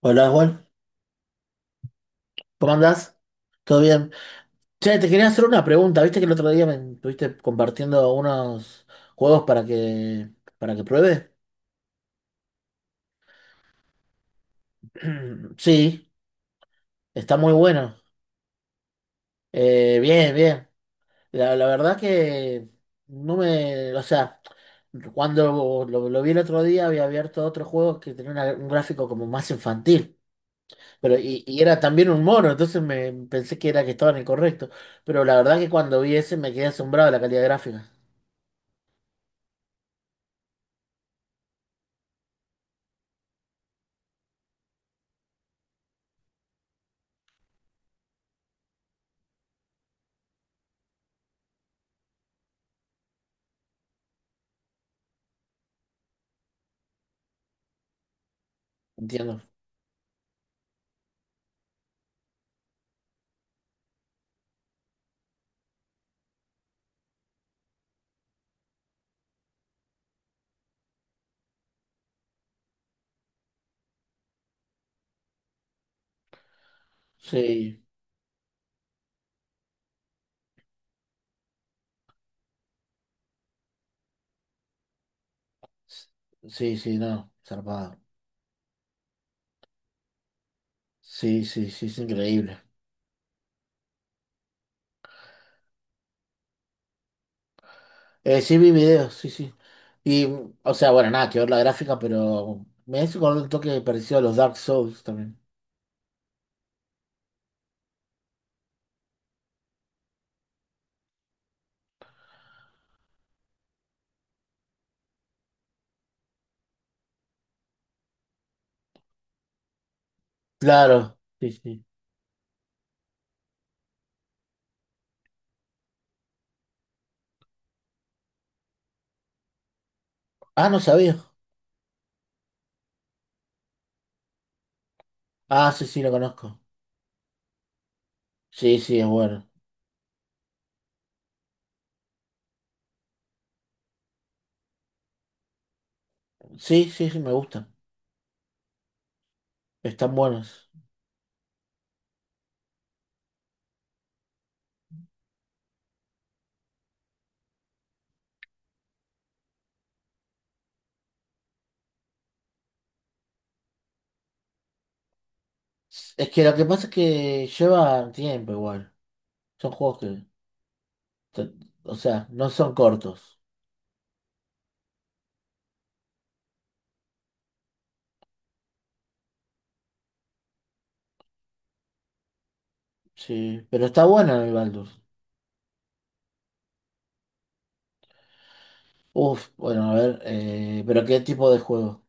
Hola Juan, ¿cómo andás? ¿Todo bien? Che, te quería hacer una pregunta. Viste que el otro día me estuviste compartiendo unos juegos para que pruebe. Sí, está muy bueno. Bien, bien. La verdad que no me, o sea, cuando lo vi el otro día había abierto otro juego que tenía un gráfico como más infantil, pero y era también un mono, entonces me pensé que era que estaba en el correcto, pero la verdad que cuando vi ese me quedé asombrado de la calidad gráfica. Entiendo. Sí, s- sí, sí, no, zarpado. Sí, sí, sí, es increíble. Sí, vi videos, sí, sí. Y, o sea, bueno, nada que ver la gráfica, pero me hizo con un toque parecido a los Dark Souls también. Claro, sí, sí. Ah, no sabía. Ah, sí, sí, lo conozco. Sí, sí, es bueno. Sí, sí, sí, me gustan. Están buenos. Es que lo que pasa es que llevan tiempo igual. Son juegos que, te- o sea, no son cortos. Sí, pero está bueno el Baldur. Uf, bueno, a ver, pero ¿qué tipo de juego?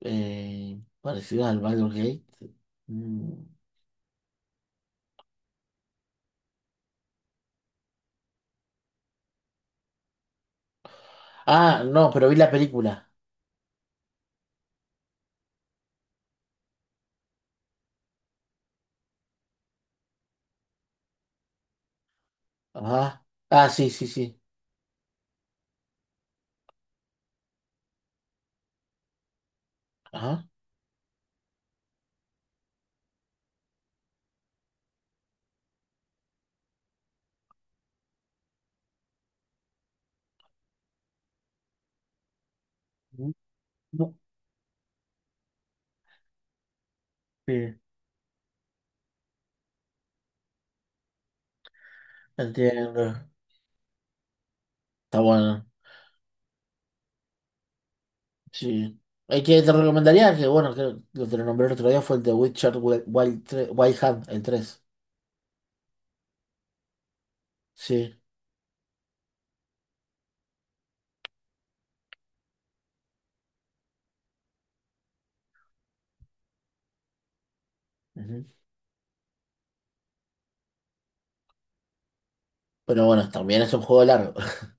Parecido al Baldur's Gate. Mm. Ah, no, pero vi la película. Ajá. Ah, sí, sí, sí. Ajá. Mm, no, sí, entiendo. Está bueno. Sí. El que te recomendaría, que bueno, que lo te lo nombré el otro día, fue el de Witcher Wild Hunt, el tres. Sí. Ujú. Pero bueno, también es un juego largo.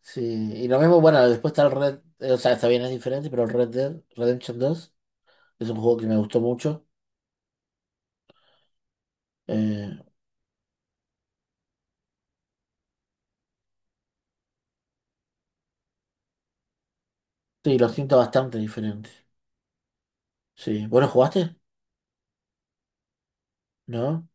Sí. Y lo mismo, bueno, después está el o sea, está bien, es diferente, pero el Red Dead Redemption dos. Es un juego que me gustó mucho. Eh, sí, lo siento bastante diferente. Sí. ¿Vos lo jugaste? No,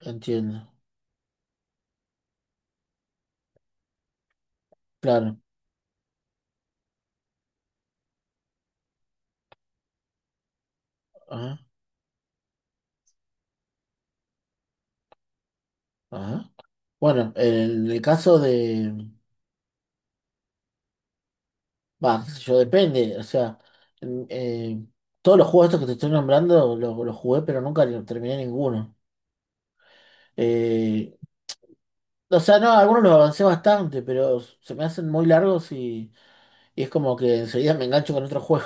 entiendo. Claro. Ajá, ajá. Bueno, en el caso de... Bah, qué sé yo, depende. O sea, en- eh, todos los juegos estos que te estoy nombrando los jugué, pero nunca lo terminé ninguno. Eh, o sea, no, algunos los avancé bastante, pero se me hacen muy largos y es como que enseguida me engancho con otro juego.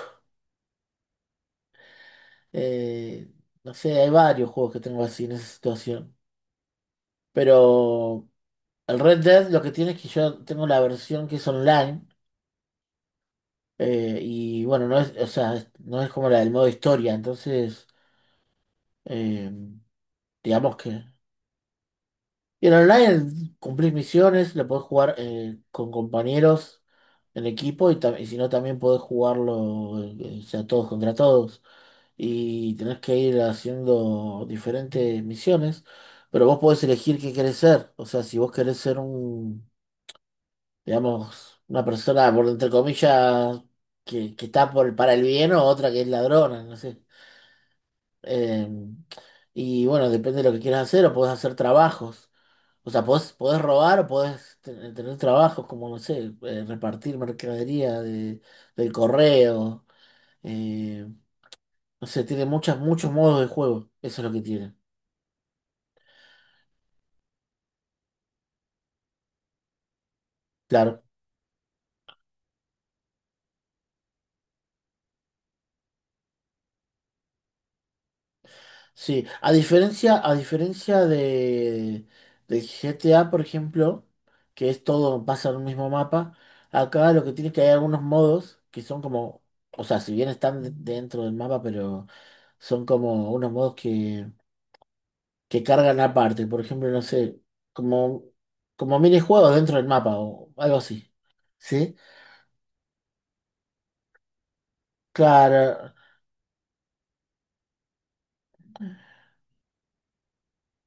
Eh, no sé, hay varios juegos que tengo así en esa situación. Pero el Red Dead lo que tiene es que yo tengo la versión que es online, y bueno, no es, o sea, no es como la del modo historia, entonces eh, digamos que... Y en online cumplís misiones, lo podés jugar con compañeros en equipo y, y si no también podés jugarlo, o sea, todos contra todos y tenés que ir haciendo diferentes misiones, pero vos podés elegir qué querés ser, o sea, si vos querés ser un digamos, una persona, por entre comillas, que está por, para el bien o otra que es ladrona, no sé. Eh, y bueno, depende de lo que quieras hacer, o podés hacer trabajos. O sea, podés, podés robar o podés tener trabajos como, no sé, repartir mercadería de, del correo. eh, no sé, tiene muchas, muchos modos de juego. Eso es lo que tiene. Claro. Sí, a diferencia de, del GTA, por ejemplo, que es todo, pasa en un mismo mapa, acá lo que tiene es que hay algunos modos que son como, o sea, si bien están dentro del mapa, pero son como unos modos que cargan aparte. Por ejemplo, no sé, como, como minijuegos dentro del mapa o algo así. ¿Sí? Claro.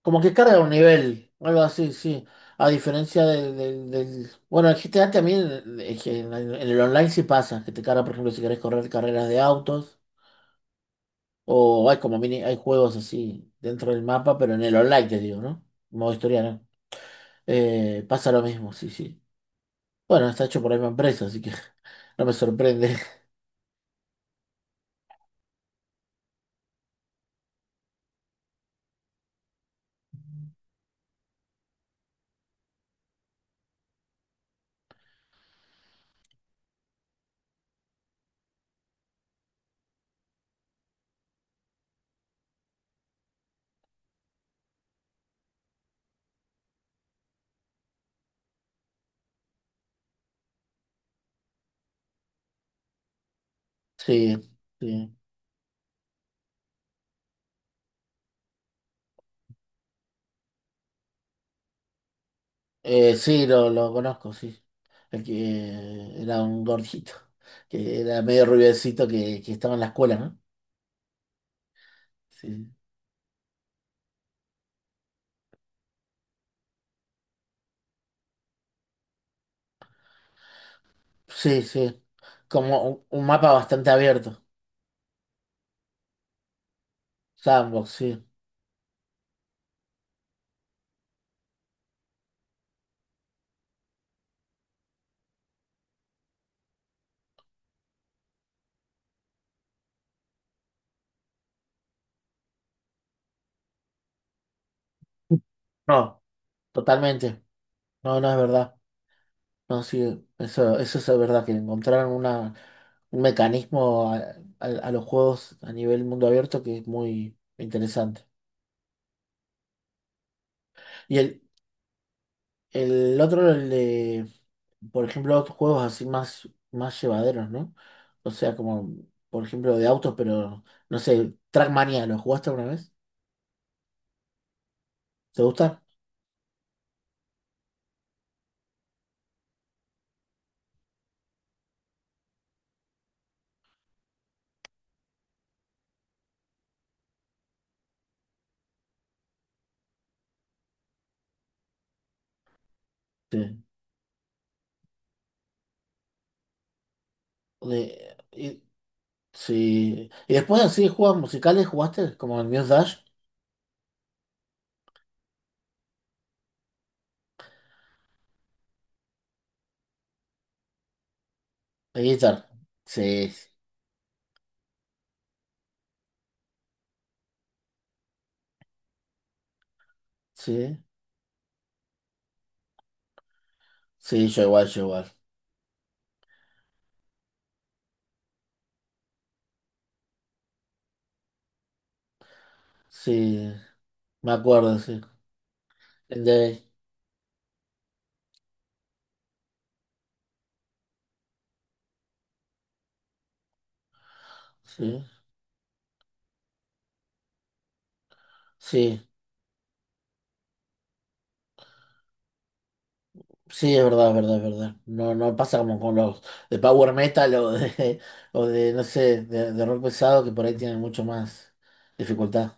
Como que carga un nivel, algo así, sí. A diferencia del Bueno, el G T a también es que en el online sí pasa, que te carga, por ejemplo, si querés correr carreras de autos, o hay como mini, hay juegos así dentro del mapa, pero en el online te digo, ¿no? Modo historia, ¿no? Pasa lo mismo, sí, sí. Bueno, está hecho por la misma empresa, así que no me sorprende. Sí, sí. Sí, lo conozco, sí. El que era un gordito, que era medio rubiecito que estaba en la escuela, ¿no? Sí, sí, sí. Como un mapa bastante abierto. Sandbox, sí. No, totalmente. No, no es verdad. No, sí, eso es verdad, que encontraron una, un mecanismo a, a los juegos a nivel mundo abierto que es muy interesante. Y el otro, el de, por ejemplo, otros juegos así más, más llevaderos, ¿no? O sea, como, por ejemplo, de autos, pero, no sé, Trackmania, ¿lo jugaste alguna vez? ¿Te gusta? Sí. De, sí. Y después así juegos musicales jugaste, como el Muse Dash, de guitar. Sí, sí, sí, yo igual, yo igual. Sí, me acuerdo, sí. El de, sí, sí, sí, es verdad, es verdad, es verdad. No, no pasa como con los de power metal o de, o de, no sé, de rock pesado que por ahí tienen mucho más dificultad.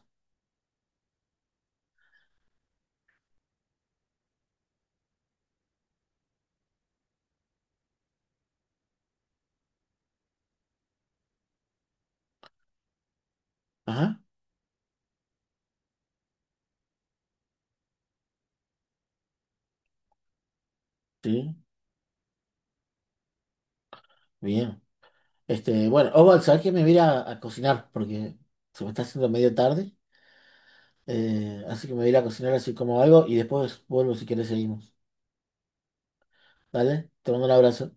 Ajá, sí, bien. Este, bueno, Oval, ¿sabes qué? Me voy a ir a cocinar porque se me está haciendo medio tarde. Así que me voy a ir a cocinar así como algo y después vuelvo si querés seguimos. ¿Vale? Te mando un abrazo.